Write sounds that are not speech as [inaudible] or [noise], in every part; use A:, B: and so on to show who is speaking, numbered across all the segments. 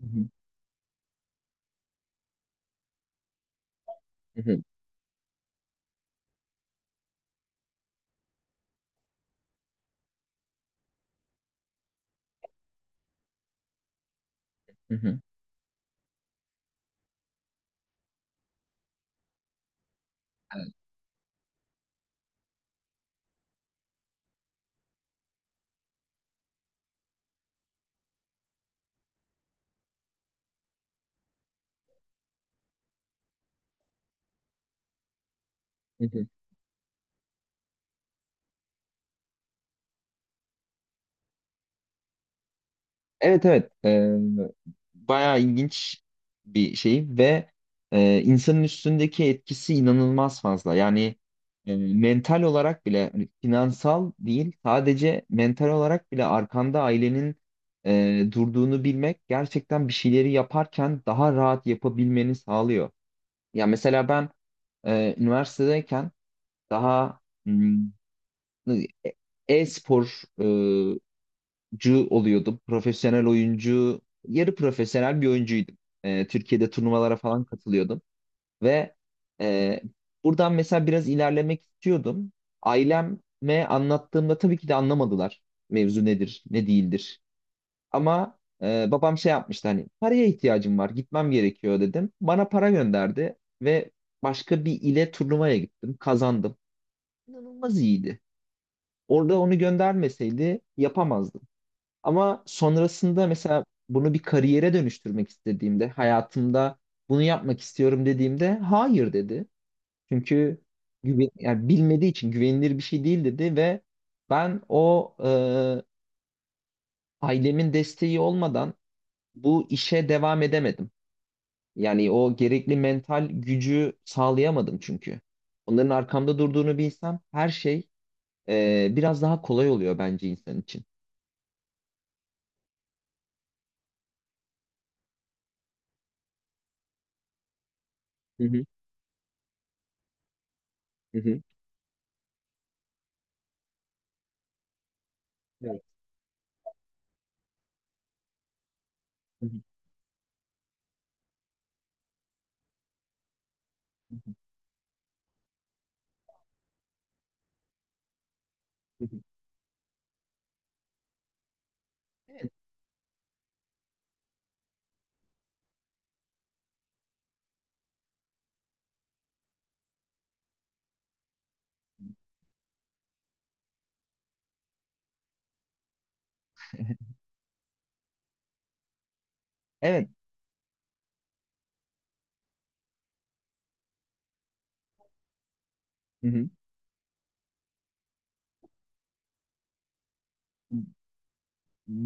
A: Hı hı, hı hı, hı hı, hı hı. Evet evet. Bayağı ilginç bir şey ve insanın üstündeki etkisi inanılmaz fazla. Yani mental olarak bile, hani finansal değil sadece mental olarak bile arkanda ailenin durduğunu bilmek gerçekten bir şeyleri yaparken daha rahat yapabilmeni sağlıyor. Ya mesela ben üniversitedeyken daha hmm, e- e-spor oyuncu oluyordum. Profesyonel oyuncu, yarı profesyonel bir oyuncuydum. Türkiye'de turnuvalara falan katılıyordum ve e, buradan mesela biraz ilerlemek istiyordum. Aileme anlattığımda tabii ki de anlamadılar mevzu nedir, ne değildir. Ama babam şey yapmıştı, hani paraya ihtiyacım var, gitmem gerekiyor dedim. Bana para gönderdi ve başka bir ile turnuvaya gittim, kazandım. İnanılmaz iyiydi. Orada onu göndermeseydi yapamazdım. Ama sonrasında mesela bunu bir kariyere dönüştürmek istediğimde, hayatımda bunu yapmak istiyorum dediğimde hayır dedi. Çünkü güven, yani bilmediği için güvenilir bir şey değil dedi ve ben o ailemin desteği olmadan bu işe devam edemedim. Yani o gerekli mental gücü sağlayamadım çünkü. Onların arkamda durduğunu bilsem her şey biraz daha kolay oluyor bence insan için. Hı hı, hı hı. Evet. Hı hı, hı hı, hı hı. Evet. Evet, hı hı.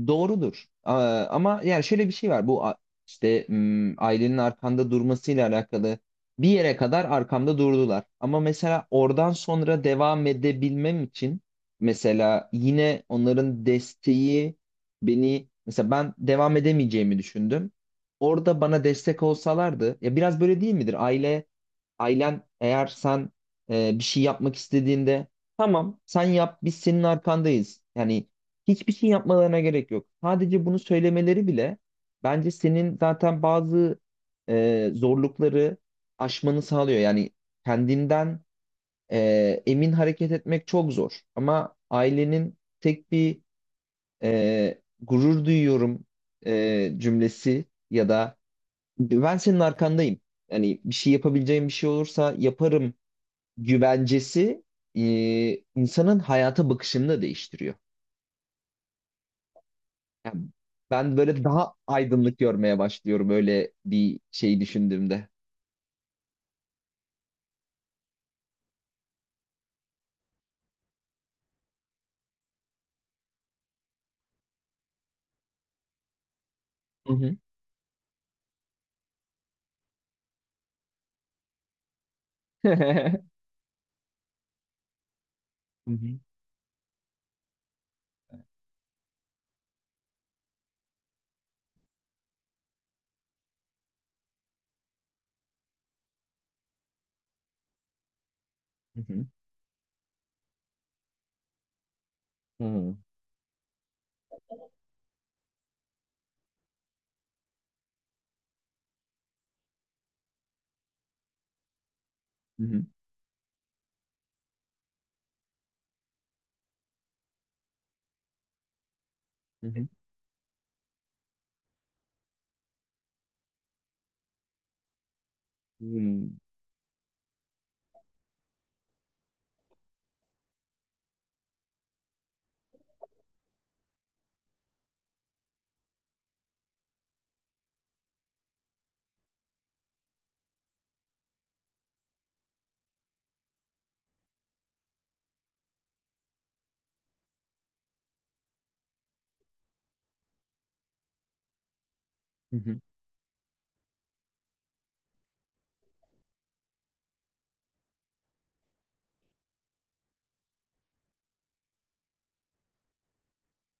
A: Doğrudur. Aa, ama yani şöyle bir şey var. İşte ailenin arkanda durmasıyla alakalı bir yere kadar arkamda durdular. Ama mesela oradan sonra devam edebilmem için mesela yine onların desteği, beni mesela, ben devam edemeyeceğimi düşündüm. Orada bana destek olsalardı ya, biraz böyle değil midir? Ailen eğer sen bir şey yapmak istediğinde tamam sen yap, biz senin arkandayız. Yani hiçbir şey yapmalarına gerek yok. Sadece bunu söylemeleri bile bence senin zaten bazı zorlukları aşmanı sağlıyor. Yani kendinden emin hareket etmek çok zor. Ama ailenin tek bir gurur duyuyorum cümlesi ya da ben senin arkandayım, yani bir şey yapabileceğim bir şey olursa yaparım güvencesi e, insanın hayata bakışını da değiştiriyor. Yani ben böyle daha aydınlık görmeye başlıyorum öyle bir şey düşündüğümde. Hı hı. [laughs] Hı hı. Hı hı. Hı hı. Hı hı. Hmm. Hı hı.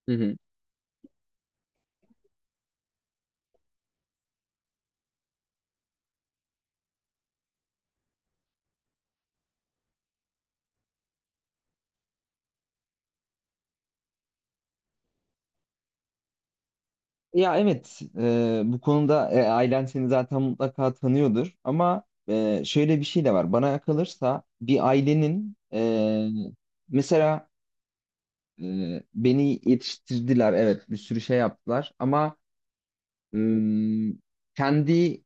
A: Hı hı. Ya evet, bu konuda ailen seni zaten mutlaka tanıyordur, ama şöyle bir şey de var. Bana kalırsa bir ailenin mesela beni yetiştirdiler, evet bir sürü şey yaptılar, ama ım, kendi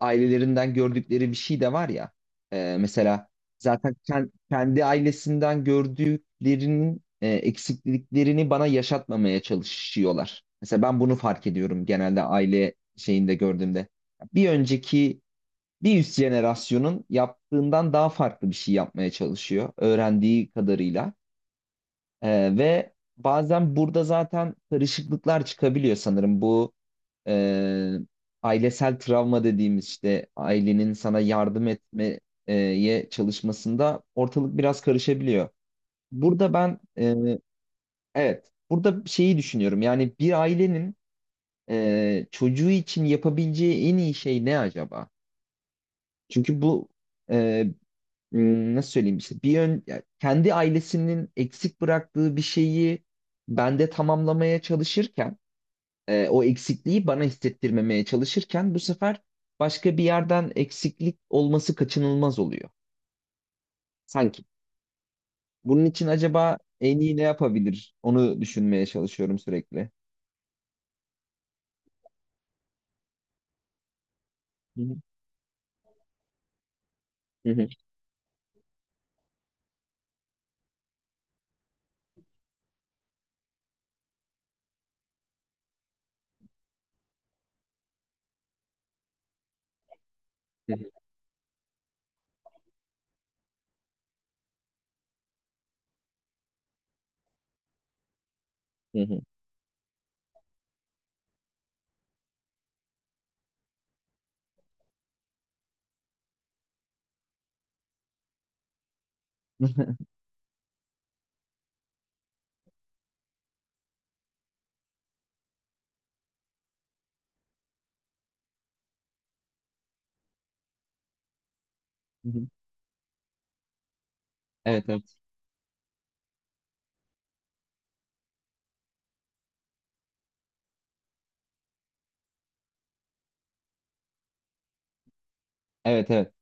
A: ailelerinden gördükleri bir şey de var ya. Mesela zaten kendi ailesinden gördüklerinin eksikliklerini bana yaşatmamaya çalışıyorlar. Mesela ben bunu fark ediyorum genelde aile şeyinde gördüğümde. Bir önceki Bir üst jenerasyonun yaptığından daha farklı bir şey yapmaya çalışıyor öğrendiği kadarıyla. Ve bazen burada zaten karışıklıklar çıkabiliyor sanırım. Bu e, ailesel travma dediğimiz, işte ailenin sana yardım etmeye çalışmasında ortalık biraz karışabiliyor. Burada ben e, evet, burada şeyi düşünüyorum, yani bir ailenin çocuğu için yapabileceği en iyi şey ne acaba? Çünkü bu e, nasıl söyleyeyim, işte bir yön, ya kendi ailesinin eksik bıraktığı bir şeyi bende tamamlamaya çalışırken o eksikliği bana hissettirmemeye çalışırken bu sefer başka bir yerden eksiklik olması kaçınılmaz oluyor sanki. Bunun için acaba en iyi ne yapabilir? Onu düşünmeye çalışıyorum sürekli. Hı hı. Hı hı. Hı hı. Hı hı. [laughs] Hı hı. Evet evet. Evet evet.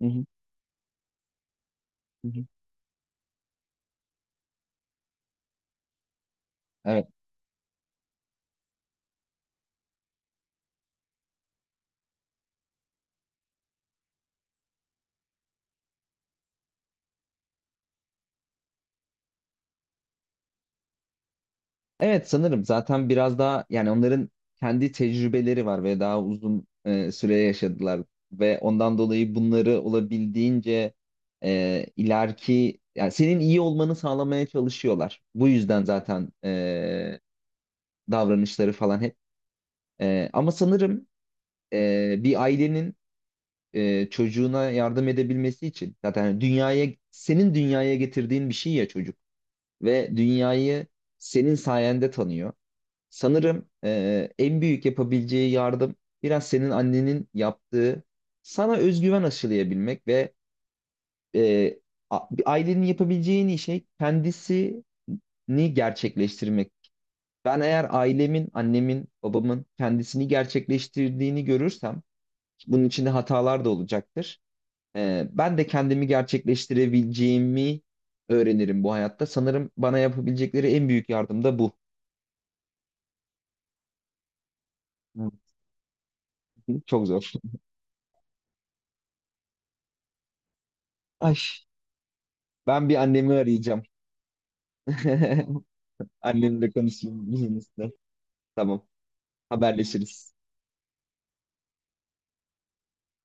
A: Hı hı. Hı hı. Evet. Evet, sanırım zaten biraz daha yani onların kendi tecrübeleri var ve daha uzun süre yaşadılar ve ondan dolayı bunları olabildiğince ileriki, yani senin iyi olmanı sağlamaya çalışıyorlar. Bu yüzden zaten davranışları falan hep. Ama sanırım bir ailenin çocuğuna yardım edebilmesi için, zaten dünyaya senin dünyaya getirdiğin bir şey ya çocuk ve dünyayı senin sayende tanıyor. Sanırım en büyük yapabileceği yardım biraz senin annenin yaptığı, sana özgüven aşılayabilmek ve e, ailenin yapabileceği en iyi şey kendisini gerçekleştirmek. Ben eğer ailemin, annemin, babamın kendisini gerçekleştirdiğini görürsem, bunun içinde hatalar da olacaktır. Ben de kendimi gerçekleştirebileceğimi öğrenirim bu hayatta. Sanırım bana yapabilecekleri en büyük yardım da bu. Hı hı. Çok zor. Ay. Ben bir annemi arayacağım. [laughs] Annemle konuşayım bunun. Tamam. Haberleşiriz.